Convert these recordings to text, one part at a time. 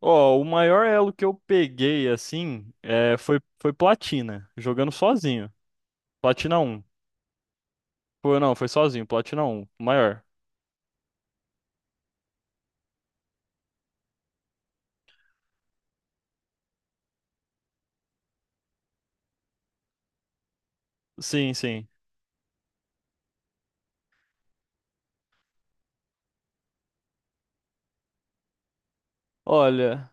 Ó, o maior elo que eu peguei, assim, foi Platina, jogando sozinho. Platina um. Foi, não, foi sozinho, Platina um o maior. Sim, sim. Olha,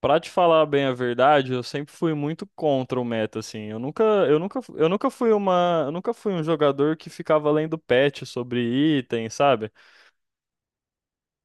pra te falar bem a verdade, eu sempre fui muito contra o meta, assim. Eu nunca fui um jogador que ficava lendo patch sobre item, sabe?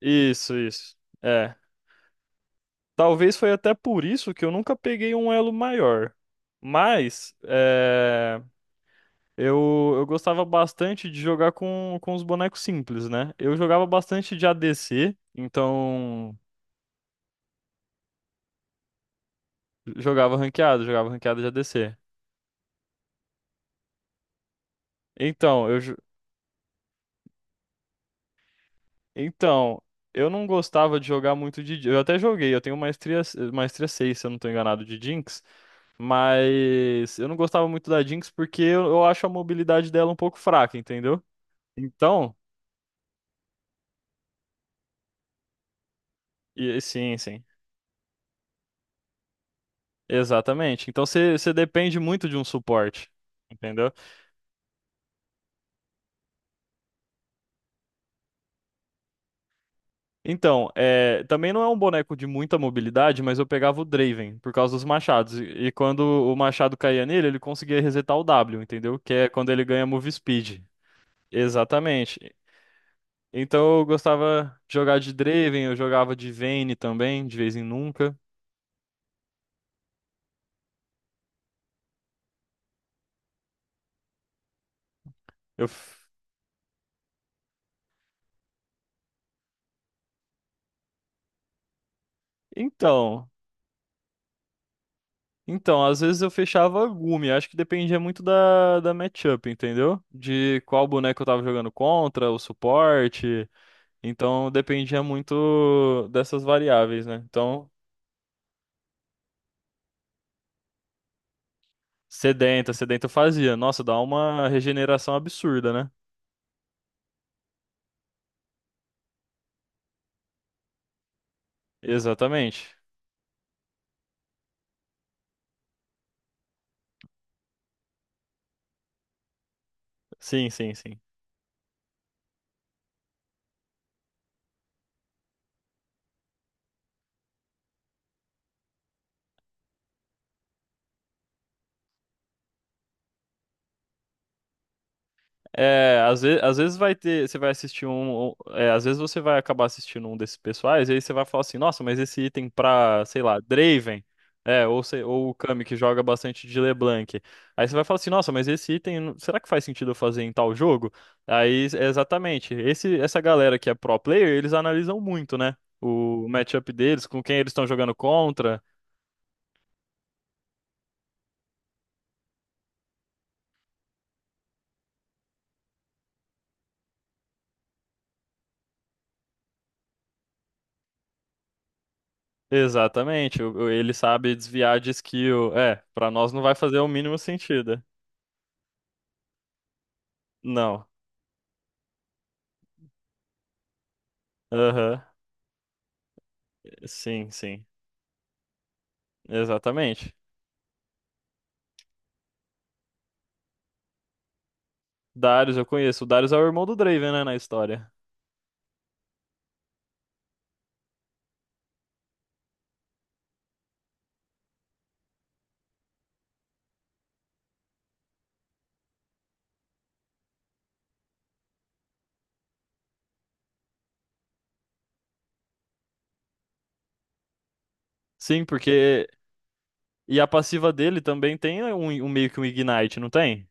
Isso, isso. É. Talvez foi até por isso que eu nunca peguei um elo maior. Mas... Eu gostava bastante de jogar com os bonecos simples, né? Eu jogava bastante de ADC, então jogava ranqueado de ADC. Então, eu, jo- então, eu não gostava de jogar muito de. Eu até joguei, eu tenho maestria 6, se eu não tô enganado, de Jinx, mas eu não gostava muito da Jinx porque eu acho a mobilidade dela um pouco fraca, entendeu? Então, sim, sim, exatamente. Então você depende muito de um suporte, entendeu? Então, também não é um boneco de muita mobilidade, mas eu pegava o Draven por causa dos machados. E quando o machado caía nele, ele conseguia resetar o W, entendeu? Que é quando ele ganha move speed. Exatamente. Então eu gostava de jogar de Draven, eu jogava de Vayne também, de vez em nunca. Eu... f- Então, então, às vezes eu fechava Gumi, acho que dependia muito da matchup, entendeu? De qual boneco eu tava jogando contra, o suporte. Então dependia muito dessas variáveis, né? Então, sedenta eu fazia. Nossa, dá uma regeneração absurda, né? Exatamente. Sim, sim, sim. É, às vezes vai ter, você vai assistir um, às vezes você vai acabar assistindo um desses pessoais, e aí você vai falar assim, nossa, mas esse item pra, sei lá, Draven, ou o Kami que joga bastante de LeBlanc. Aí você vai falar assim, nossa, mas esse item, será que faz sentido eu fazer em tal jogo? Aí, exatamente, essa galera que é pro player, eles analisam muito, né? O matchup deles, com quem eles estão jogando contra. Exatamente, ele sabe desviar de skill. É, pra nós não vai fazer o mínimo sentido. Não. Aham. Sim, sim. Exatamente. Darius, eu conheço. O Darius é o irmão do Draven, né, na história. Sim, porque. E a passiva dele também tem um meio que um Ignite, não tem?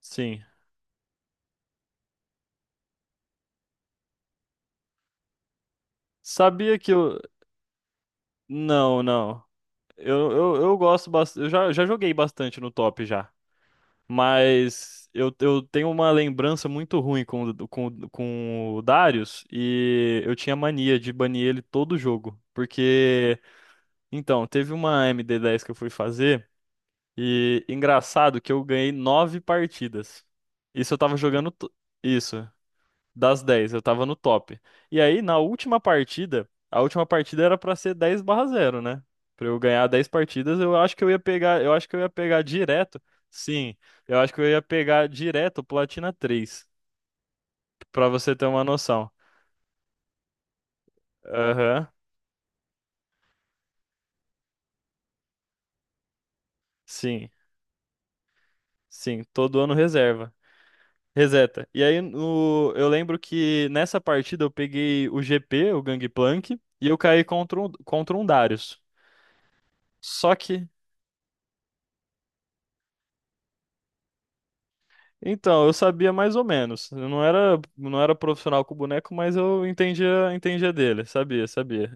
Sim. Sabia que eu. Não, não. Eu gosto bastante. Eu já joguei bastante no top já. Mas eu tenho uma lembrança muito ruim com o Darius. E eu tinha mania de banir ele todo jogo. Porque. Então, teve uma MD10 que eu fui fazer. E engraçado que eu ganhei nove partidas. Isso eu tava jogando. Isso, das 10. Eu tava no top. E aí, na última partida, a última partida era pra ser 10-0, né? Pra eu ganhar 10 partidas, eu acho que eu ia pegar. Eu acho que eu ia pegar direto. Sim, eu acho que eu ia pegar direto o Platina três. Pra você ter uma noção. Aham, sim, sim, todo ano reserva. Reseta. E aí eu lembro que nessa partida eu peguei o GP, o Gangplank, e eu caí contra um Darius. Só que, então, eu sabia mais ou menos. Eu não era profissional com o boneco, mas eu entendia dele, sabia, sabia.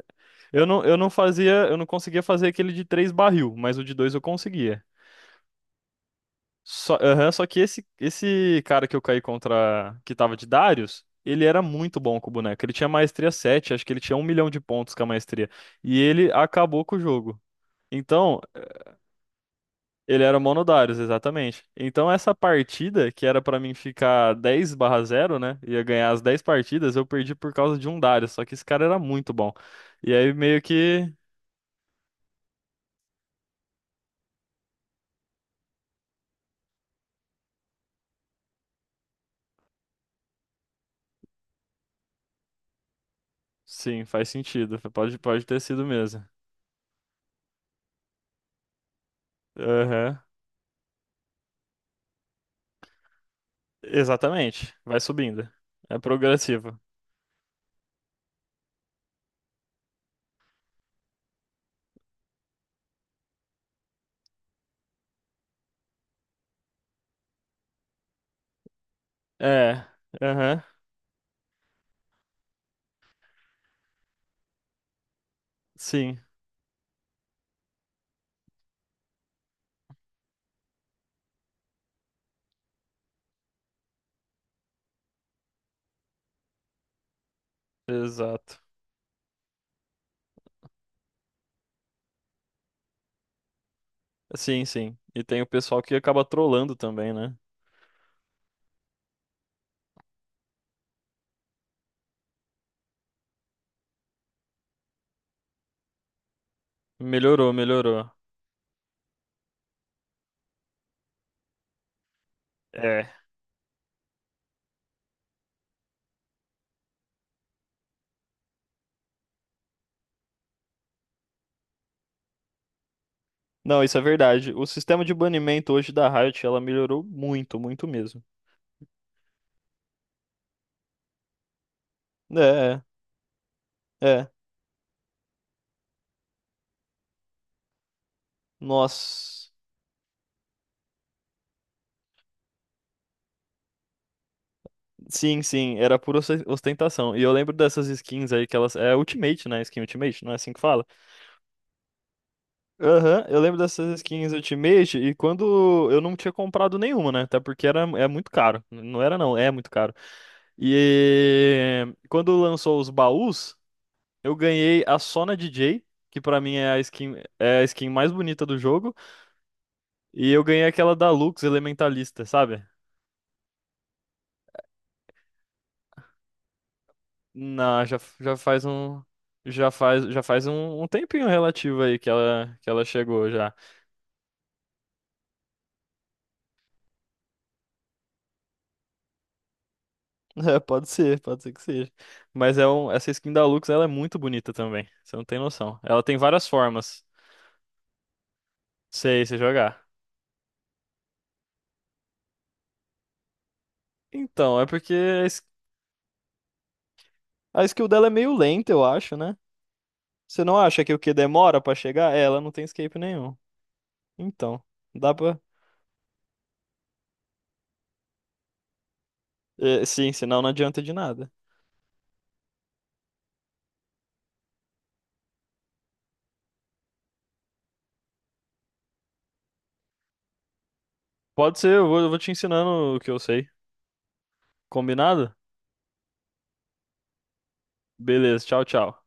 Eu não conseguia fazer aquele de três barril, mas o de dois eu conseguia. Aham, só que esse cara que eu caí contra, que tava de Darius, ele era muito bom com o boneco. Ele tinha maestria 7, acho que ele tinha 1 milhão de pontos com a maestria. E ele acabou com o jogo. Então, ele era mono Darius, exatamente. Então, essa partida, que era pra mim ficar 10-0, né? Ia ganhar as 10 partidas, eu perdi por causa de um Darius. Só que esse cara era muito bom. E aí, meio que. Sim, faz sentido. Pode ter sido mesmo. Aham. Exatamente. Vai subindo. É progressivo. É, aham, sim, exato. Sim, sim. E tem o pessoal que acaba trolando também, né? Melhorou, melhorou. É. Não, isso é verdade. O sistema de banimento hoje da Riot, ela melhorou muito, muito mesmo. É, é. É. Nossa. Sim, sim, era pura ostentação. E eu lembro dessas skins aí que elas. É Ultimate, né? Skin Ultimate, não é assim que fala? Aham, eu lembro dessas skins Ultimate e quando eu não tinha comprado nenhuma, né? Até porque era, é muito caro. Não era não, é muito caro. E quando lançou os baús, eu ganhei a Sona DJ, que pra mim é a skin mais bonita do jogo, e eu ganhei aquela da Lux Elementalista, sabe? Na, já, já faz um já faz Já faz um tempinho relativo aí que ela chegou já. É, pode ser que seja. Mas essa skin da Lux, ela é muito bonita também. Você não tem noção. Ela tem várias formas. Sei, você jogar. Então, é porque a skill dela é meio lenta, eu acho, né? Você não acha que o que demora pra chegar? É, ela não tem escape nenhum. Então, dá pra. É, sim, senão não adianta de nada. Pode ser, eu vou te ensinando o que eu sei. Combinado? Beleza, tchau, tchau.